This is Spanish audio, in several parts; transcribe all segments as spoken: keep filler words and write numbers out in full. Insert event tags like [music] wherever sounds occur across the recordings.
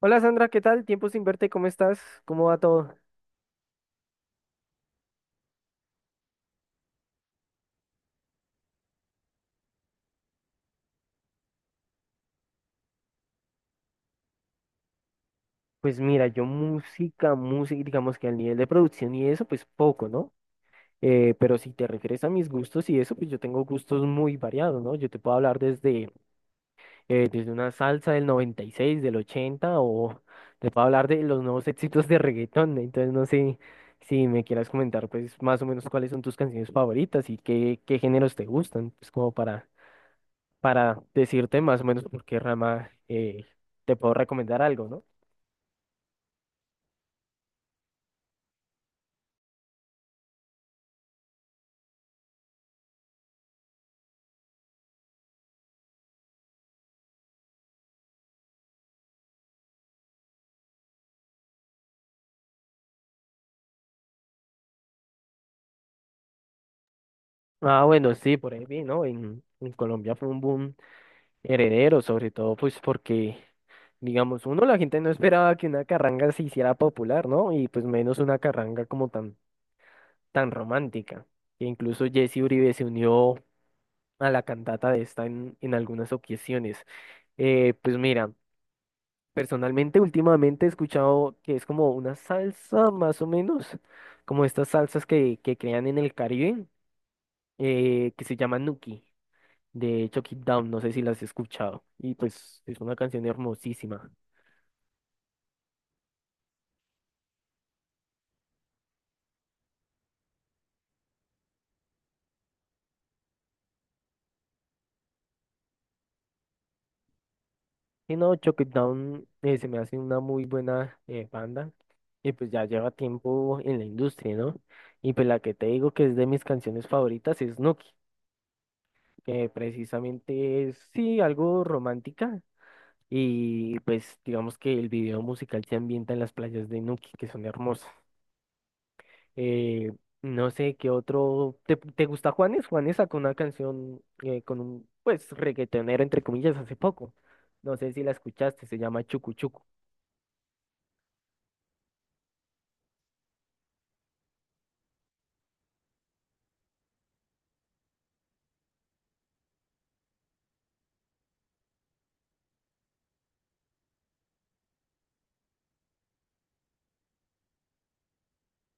Hola Sandra, ¿qué tal? Tiempo sin verte, ¿cómo estás? ¿Cómo va todo? Pues mira, yo música, música, digamos que al nivel de producción y eso, pues poco, ¿no? Eh, pero si te refieres a mis gustos y eso, pues yo tengo gustos muy variados, ¿no? Yo te puedo hablar desde, eh, desde una salsa del noventa y seis, del ochenta, o te puedo hablar de los nuevos [laughs] éxitos de reggaetón. Entonces, no sé si me quieras comentar, pues más o menos cuáles son tus canciones favoritas y qué, qué géneros te gustan, pues como para para decirte más o menos por qué rama eh, te puedo recomendar algo, ¿no? Ah, bueno, sí, por ahí vi, ¿no? En, en Colombia fue un boom heredero, sobre todo pues porque, digamos, uno, la gente no esperaba que una carranga se hiciera popular, ¿no? Y pues menos una carranga como tan, tan romántica. E incluso Jesse Uribe se unió a la cantata de esta en, en algunas ocasiones. Eh, pues mira. Personalmente, últimamente he escuchado que es como una salsa, más o menos, como estas salsas que, que crean en el Caribe, eh, que se llama Nuki, de Chuck It Down, no sé si las has escuchado, y pues es una canción hermosísima. Y no, Chuck It Down eh, se me hace una muy buena eh, banda, y pues ya lleva tiempo en la industria, ¿no? Y pues la que te digo que es de mis canciones favoritas es Nuki, que precisamente es, sí, algo romántica. Y pues digamos que el video musical se ambienta en las playas de Nuki, que son hermosas. Eh, no sé qué otro. ¿Te, te gusta Juanes? Juanes sacó una canción eh, con un pues reggaetonero entre comillas hace poco. No sé si la escuchaste, se llama Chucu Chucu.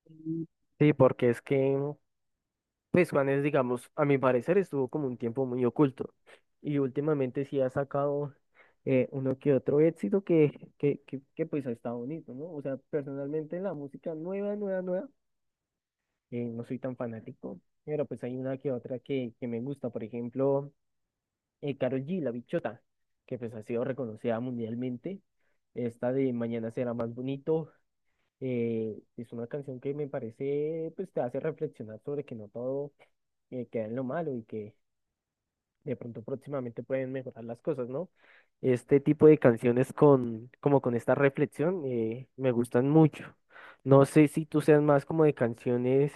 Mm. Sí, porque es que, pues Juanes, digamos, a mi parecer estuvo como un tiempo muy oculto y últimamente sí ha sacado eh, uno que otro éxito que, que, que, que, pues ha estado bonito, ¿no? O sea, personalmente la música nueva, nueva, nueva, eh, no soy tan fanático, pero pues hay una que otra que, que me gusta, por ejemplo, eh, Karol G, La Bichota, que pues ha sido reconocida mundialmente, esta de Mañana será más bonito, eh, es una canción que me parece, pues te hace reflexionar sobre que no todo eh, queda en lo malo y que de pronto próximamente pueden mejorar las cosas, ¿no? Este tipo de canciones con, como con esta reflexión, eh, me gustan mucho. No sé si tú seas más como de canciones,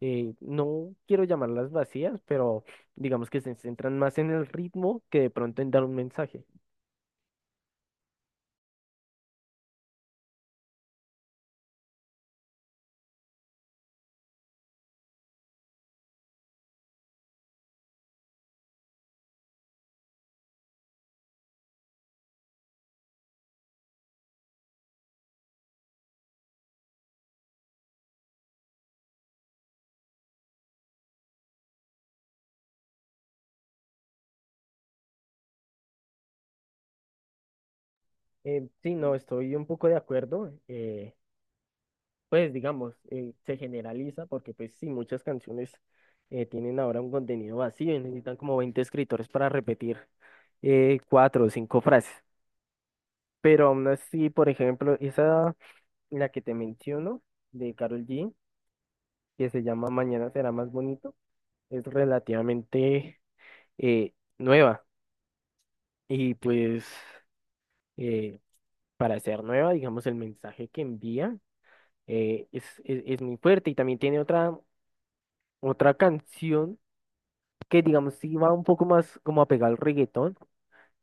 eh, no quiero llamarlas vacías, pero digamos que se centran más en el ritmo que de pronto en dar un mensaje. Eh, sí, no, estoy un poco de acuerdo. eh, pues digamos, eh, se generaliza porque pues sí, muchas canciones eh, tienen ahora un contenido vacío y necesitan como veinte escritores para repetir eh, cuatro o cinco frases. Pero aún así, por ejemplo, esa, la que te menciono, de Karol G, que se llama Mañana será más bonito, es relativamente eh, nueva. Y pues, eh, para ser nueva, digamos, el mensaje que envía eh, es, es, es muy fuerte. Y también tiene otra, otra canción que digamos sí va un poco más como apegado al reggaetón,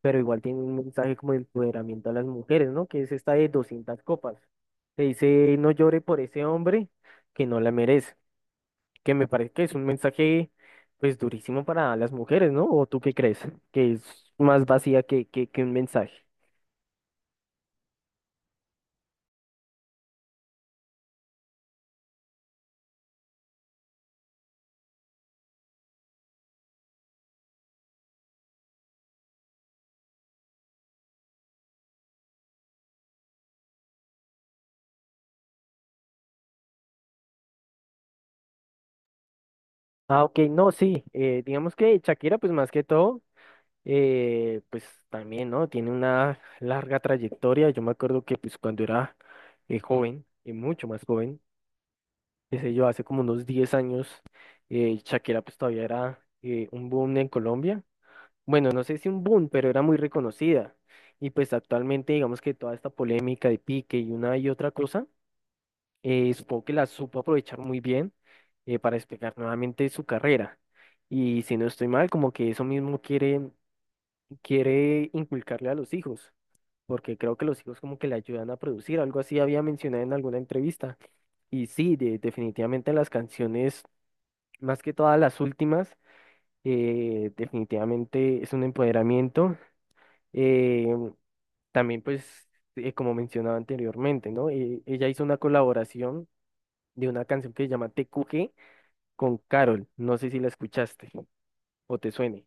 pero igual tiene un mensaje como de empoderamiento a las mujeres, ¿no? Que es esta de doscientas copas. Te dice, no llore por ese hombre que no la merece, que me parece que es un mensaje pues durísimo para las mujeres, ¿no? ¿O tú qué crees? Que es más vacía que, que, que un mensaje. Ah, ok, no, sí, eh, digamos que Shakira pues más que todo, eh, pues también, ¿no? Tiene una larga trayectoria. Yo me acuerdo que pues cuando era eh, joven, y mucho más joven, qué sé yo, hace como unos diez años, eh, Shakira pues todavía era eh, un boom en Colombia. Bueno, no sé si un boom, pero era muy reconocida. Y pues actualmente digamos que toda esta polémica de Pique y una y otra cosa, eh, supongo que la supo aprovechar muy bien eh, para despegar nuevamente su carrera. Y si no estoy mal, como que eso mismo quiere, quiere inculcarle a los hijos, porque creo que los hijos como que le ayudan a producir, algo así había mencionado en alguna entrevista. Y sí, de- definitivamente las canciones más que todas las últimas, eh, definitivamente es un empoderamiento. eh, también, pues, eh, como mencionaba anteriormente, ¿no? Eh, ella hizo una colaboración de una canción que se llama T Q G con Carol. No sé si la escuchaste o te suene.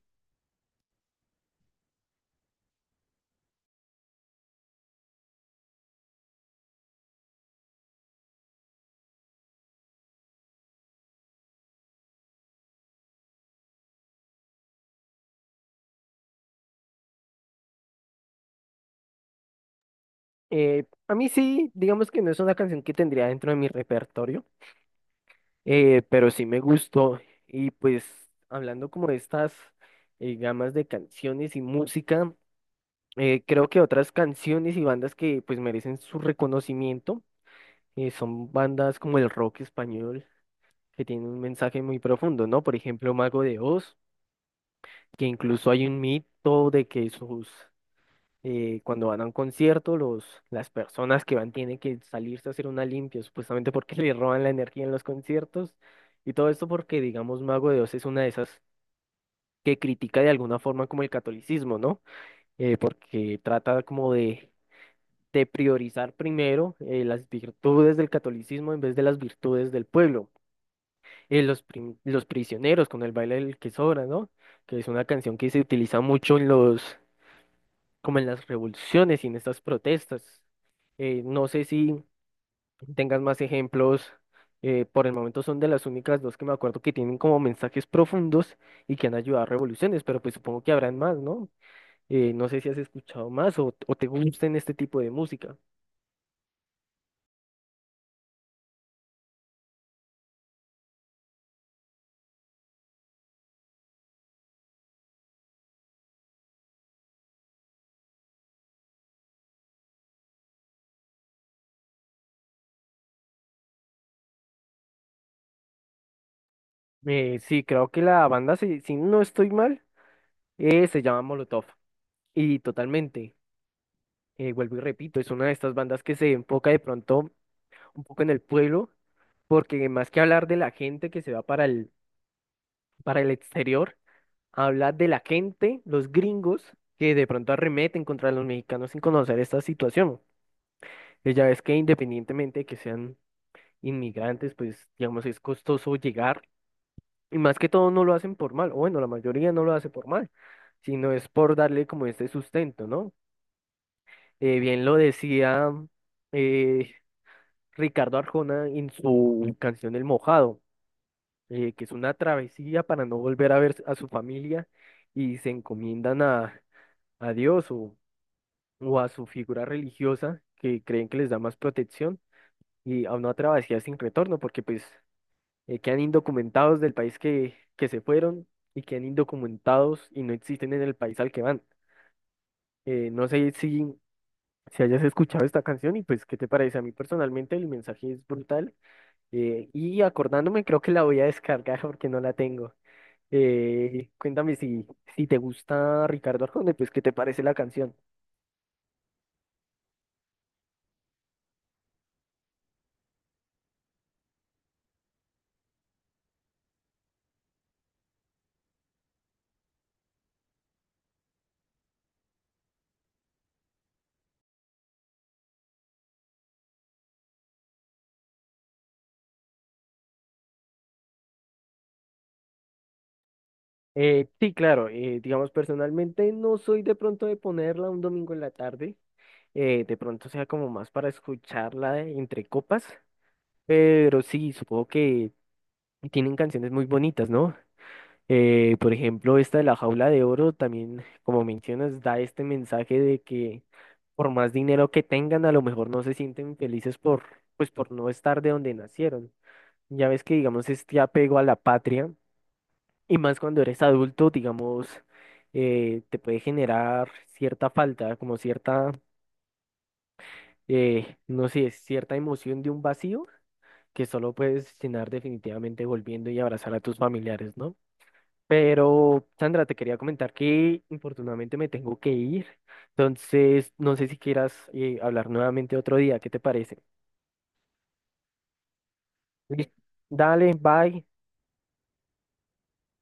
Eh, a mí sí, digamos que no es una canción que tendría dentro de mi repertorio, eh, pero sí me gustó. Y pues, hablando como de estas eh, gamas de canciones y música. Eh, creo que otras canciones y bandas que pues merecen su reconocimiento eh, son bandas como el rock español, que tienen un mensaje muy profundo, ¿no? Por ejemplo, Mago de Oz, que incluso hay un mito de que sus, eh, cuando van a un concierto, los, las personas que van tienen que salirse a hacer una limpia, supuestamente porque [laughs] le roban la energía en los conciertos, y todo esto porque, digamos, Mago de Oz es una de esas que critica de alguna forma como el catolicismo, ¿no? eh, porque trata como de de priorizar primero eh, las virtudes del catolicismo en vez de las virtudes del pueblo. Eh, los, prim- los prisioneros con el baile del que sobra, ¿no? Que es una canción que se utiliza mucho en los, como en las revoluciones y en estas protestas. Eh, no sé si tengas más ejemplos. eh, por el momento son de las únicas dos que me acuerdo que tienen como mensajes profundos y que han ayudado a revoluciones, pero pues supongo que habrán más, ¿no? Eh, no sé si has escuchado más o, o te gusten este tipo de música. Eh, sí, creo que la banda, si, si no estoy mal, eh, se llama Molotov. Y totalmente, eh, vuelvo y repito, es una de estas bandas que se enfoca de pronto un poco en el pueblo, porque más que hablar de la gente que se va para el, para el exterior, habla de la gente, los gringos, que de pronto arremeten contra los mexicanos sin conocer esta situación. Eh, Ya ves que independientemente de que sean inmigrantes, pues digamos, es costoso llegar. Y más que todo no lo hacen por mal, o bueno, la mayoría no lo hace por mal, sino es por darle como este sustento, ¿no? Eh, bien lo decía eh, Ricardo Arjona en su canción El Mojado, eh, que es una travesía para no volver a ver a su familia y se encomiendan a, a Dios o, o a su figura religiosa que creen que les da más protección y a una travesía sin retorno, porque pues eh, quedan indocumentados del país que, que se fueron y quedan indocumentados y no existen en el país al que van. Eh, no sé si, si hayas escuchado esta canción y pues, ¿qué te parece? A mí personalmente el mensaje es brutal eh, y acordándome creo que la voy a descargar [laughs] porque no la tengo. Eh, cuéntame si, si te gusta Ricardo Arjona, pues, ¿qué te parece la canción? Eh, sí, claro, eh, digamos personalmente no soy de pronto de ponerla un domingo en la tarde, eh, de pronto sea como más para escucharla entre copas. Pero sí, supongo que tienen canciones muy bonitas, ¿no? Eh, por ejemplo, esta de La Jaula de Oro también, como mencionas, da este mensaje de que por más dinero que tengan, a lo mejor no se sienten felices por, pues, por no estar de donde nacieron. Ya ves que, digamos, este apego a la patria, y más cuando eres adulto, digamos, eh, te puede generar cierta falta, como cierta, eh, no sé, cierta emoción de un vacío que solo puedes cenar definitivamente volviendo y abrazar a tus familiares, ¿no? Pero, Sandra, te quería comentar que infortunadamente me tengo que ir, entonces no sé si quieras eh, hablar nuevamente otro día, ¿qué te parece? Listo. Dale, bye.